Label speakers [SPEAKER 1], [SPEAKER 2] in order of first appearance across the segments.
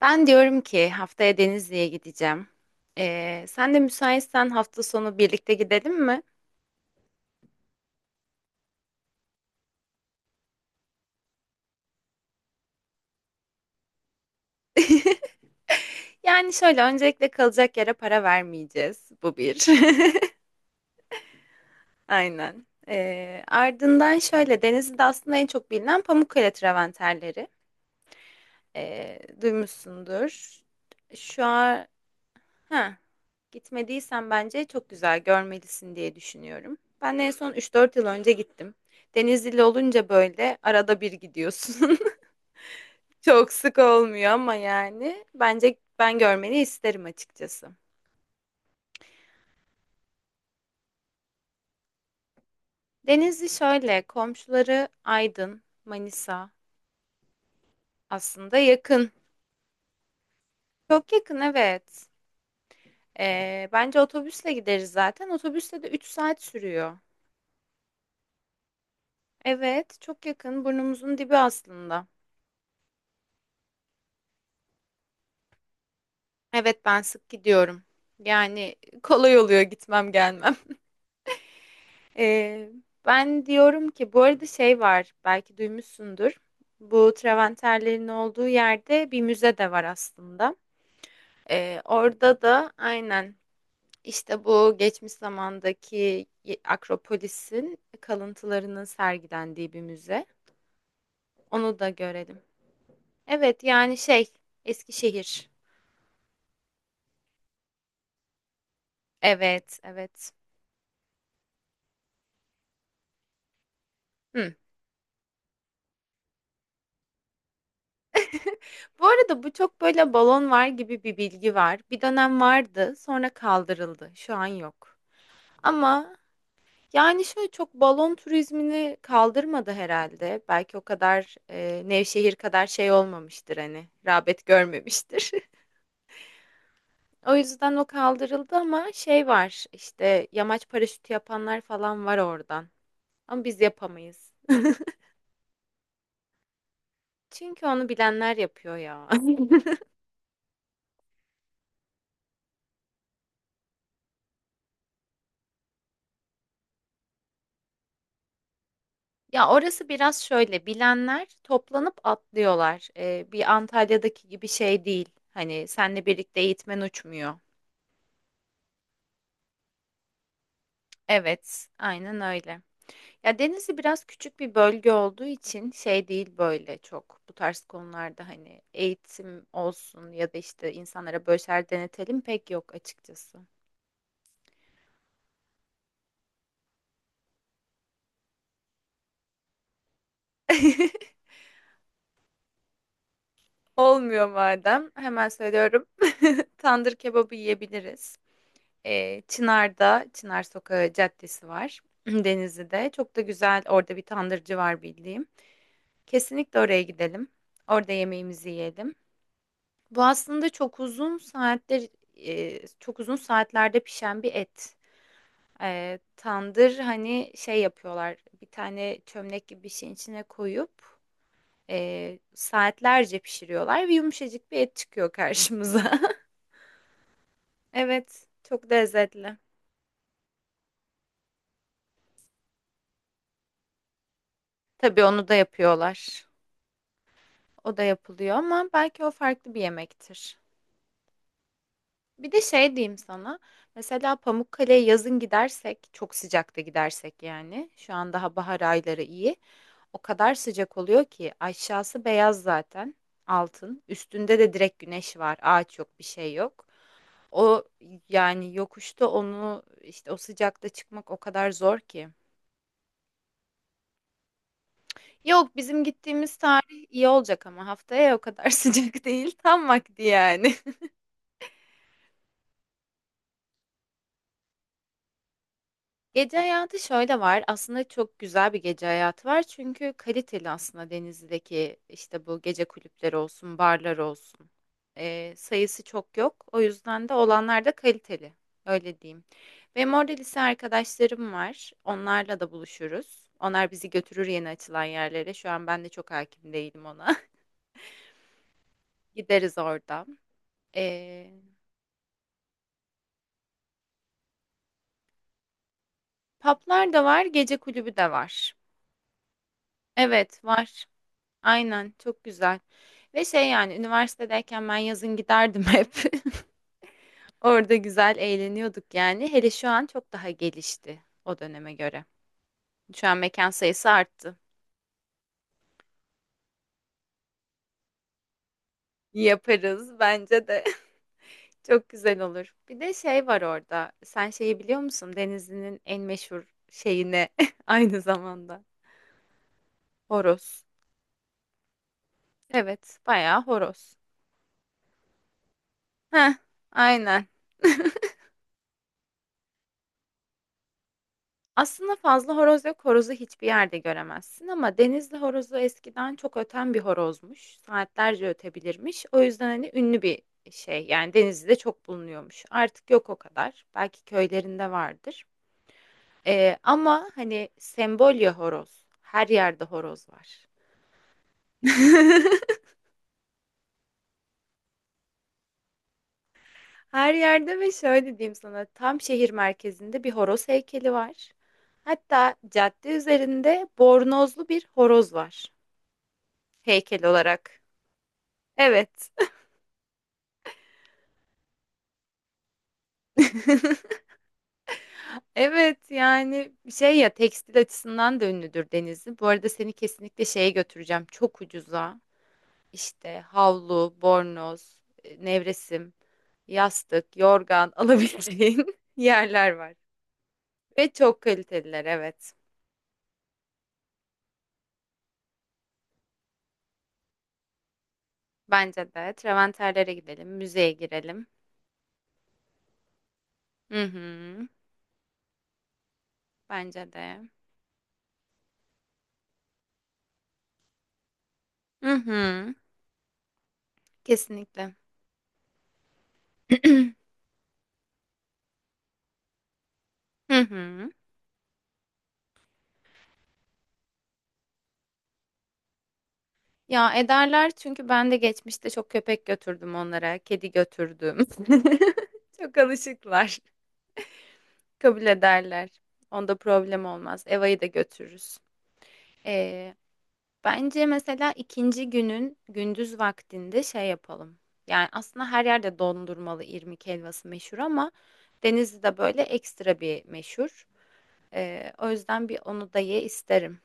[SPEAKER 1] Ben diyorum ki haftaya Denizli'ye gideceğim. Sen de müsaitsen hafta sonu birlikte gidelim mi? Yani şöyle öncelikle kalacak yere para vermeyeceğiz. Bu bir. Aynen. Ardından şöyle Denizli'de aslında en çok bilinen Pamukkale travertenleri. Duymuşsundur. Şu an ha, gitmediysen bence çok güzel görmelisin diye düşünüyorum. Ben en son 3-4 yıl önce gittim. Denizli'li olunca böyle arada bir gidiyorsun. Çok sık olmuyor ama yani bence ben görmeni isterim açıkçası. Denizli şöyle komşuları Aydın, Manisa aslında yakın. Çok yakın, evet. Bence otobüsle gideriz zaten. Otobüsle de 3 saat sürüyor. Evet, çok yakın, burnumuzun dibi aslında. Evet, ben sık gidiyorum. Yani kolay oluyor gitmem gelmem. Ee, Ben diyorum ki bu arada şey var, belki duymuşsundur. Bu Traventerlerin olduğu yerde bir müze de var aslında. Orada da aynen işte bu geçmiş zamandaki Akropolis'in kalıntılarının sergilendiği bir müze. Onu da görelim. Evet yani şey Eskişehir. Evet evet. Hı. Bu arada bu çok böyle balon var gibi bir bilgi var. Bir dönem vardı, sonra kaldırıldı. Şu an yok. Ama yani, şöyle, çok balon turizmini kaldırmadı herhalde. Belki o kadar, Nevşehir kadar şey olmamıştır, hani, rağbet görmemiştir. O yüzden o kaldırıldı ama şey var, işte, yamaç paraşütü yapanlar falan var oradan ama biz yapamayız. Çünkü onu bilenler yapıyor ya. Ya, orası biraz şöyle, bilenler toplanıp atlıyorlar. Bir Antalya'daki gibi şey değil, hani, senle birlikte eğitmen uçmuyor. Evet, aynen öyle. Ya Denizli biraz küçük bir bölge olduğu için şey değil, böyle çok bu tarz konularda hani eğitim olsun ya da işte insanlara böşer denetelim pek yok açıkçası. Olmuyor madem, hemen söylüyorum. Tandır kebabı yiyebiliriz. Çınar'da Çınar Sokağı Caddesi var Denizli'de. Çok da güzel orada bir tandırcı var bildiğim. Kesinlikle oraya gidelim. Orada yemeğimizi yiyelim. Bu aslında çok uzun saatler çok uzun saatlerde pişen bir et. Tandır hani şey yapıyorlar, bir tane çömlek gibi bir şeyin içine koyup saatlerce pişiriyorlar ve yumuşacık bir et çıkıyor karşımıza. Evet, çok lezzetli. Tabii onu da yapıyorlar. O da yapılıyor ama belki o farklı bir yemektir. Bir de şey diyeyim sana. Mesela Pamukkale'ye yazın gidersek, çok sıcakta gidersek yani. Şu an daha bahar ayları iyi. O kadar sıcak oluyor ki aşağısı beyaz zaten, altın. Üstünde de direkt güneş var. Ağaç yok, bir şey yok. O yani yokuşta onu işte o sıcakta çıkmak o kadar zor ki. Yok, bizim gittiğimiz tarih iyi olacak, ama haftaya o kadar sıcak değil. Tam vakti yani. Gece hayatı şöyle var. Aslında çok güzel bir gece hayatı var. Çünkü kaliteli aslında Denizli'deki işte bu gece kulüpleri olsun, barlar olsun. Sayısı çok yok. O yüzden de olanlar da kaliteli. Öyle diyeyim. Benim orada lise arkadaşlarım var. Onlarla da buluşuruz. Onlar bizi götürür yeni açılan yerlere. Şu an ben de çok hakim değilim ona. Gideriz orada. Ee, Paplar da var, gece kulübü de var. Evet, var. Aynen çok güzel. Ve şey yani üniversitedeyken ben yazın giderdim hep. Orada güzel eğleniyorduk yani. Hele şu an çok daha gelişti o döneme göre. Şu an mekan sayısı arttı. Yaparız bence de. Çok güzel olur. Bir de şey var orada. Sen şeyi biliyor musun? Denizli'nin en meşhur şeyine aynı zamanda. Horoz. Evet, bayağı horoz. Heh, aynen. Aslında fazla horoz yok, horozu hiçbir yerde göremezsin ama denizli horozu eskiden çok öten bir horozmuş. Saatlerce ötebilirmiş. O yüzden hani ünlü bir şey. Yani denizde çok bulunuyormuş. Artık yok o kadar. Belki köylerinde vardır. Ama hani sembolya horoz. Her yerde horoz var. Her yerde. Ve şöyle diyeyim sana, tam şehir merkezinde bir horoz heykeli var. Hatta cadde üzerinde bornozlu bir horoz var, heykel olarak. Evet. Evet yani şey ya tekstil açısından da ünlüdür Denizli. Bu arada seni kesinlikle şeye götüreceğim. Çok ucuza. İşte havlu, bornoz, nevresim, yastık, yorgan alabileceğin yerler var. Ve çok kaliteliler, evet. Bence de. Treventerlere gidelim, müzeye girelim. Hı hı. Bence de. Hı hı. Kesinlikle. Hı hı. Ya ederler, çünkü ben de geçmişte çok köpek götürdüm onlara, kedi götürdüm. Çok alışıklar. Kabul ederler. Onda problem olmaz. Eva'yı da götürürüz. Ee, Bence mesela ikinci günün gündüz vaktinde şey yapalım. Yani aslında her yerde dondurmalı irmik helvası meşhur ama Denizli'de böyle ekstra bir meşhur. O yüzden bir onu da ye isterim.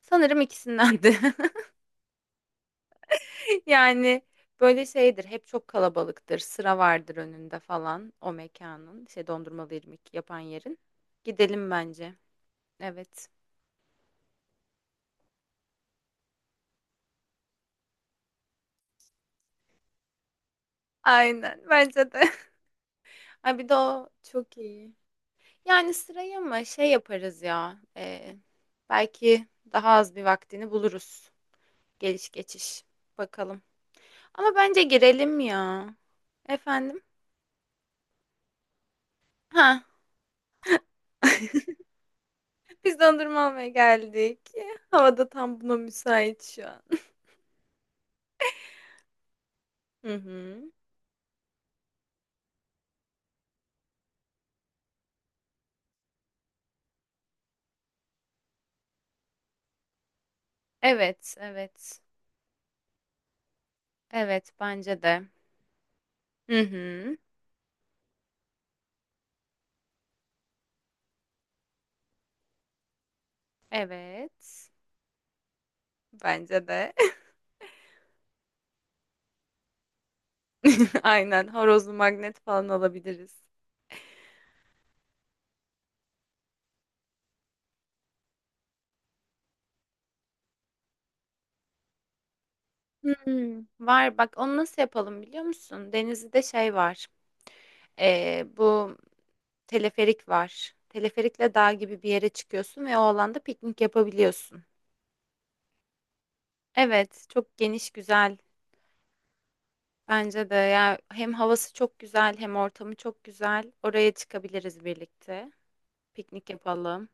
[SPEAKER 1] Sanırım ikisinden de. Yani böyle şeydir. Hep çok kalabalıktır. Sıra vardır önünde falan o mekanın. Şey dondurmalı irmik yapan yerin. Gidelim bence. Evet. Aynen bence de. Ay bir de o çok iyi. Yani sıraya mı şey yaparız ya. Belki daha az bir vaktini buluruz. Geliş geçiş. Bakalım. Ama bence girelim ya. Efendim? Ha, biz dondurma almaya geldik. Havada tam buna müsait şu an. Hı hı. Evet, evet. Evet, bence de. Hı hı. Evet. Bence de. Aynen. Horozlu magnet falan alabiliriz. Hmm, var bak onu nasıl yapalım biliyor musun? Denizli'de şey var. Bu teleferik var. Teleferikle dağ gibi bir yere çıkıyorsun ve o alanda piknik yapabiliyorsun. Evet, çok geniş güzel. Bence de ya, hem havası çok güzel hem ortamı çok güzel. Oraya çıkabiliriz birlikte. Piknik yapalım.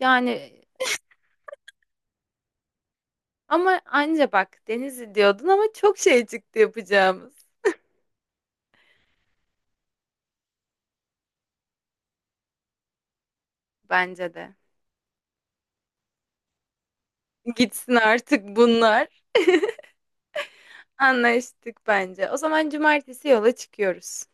[SPEAKER 1] Yani ama anca bak Denizli diyordun ama çok şey çıktı yapacağımız. Bence de. Gitsin artık bunlar. Anlaştık bence. O zaman cumartesi yola çıkıyoruz.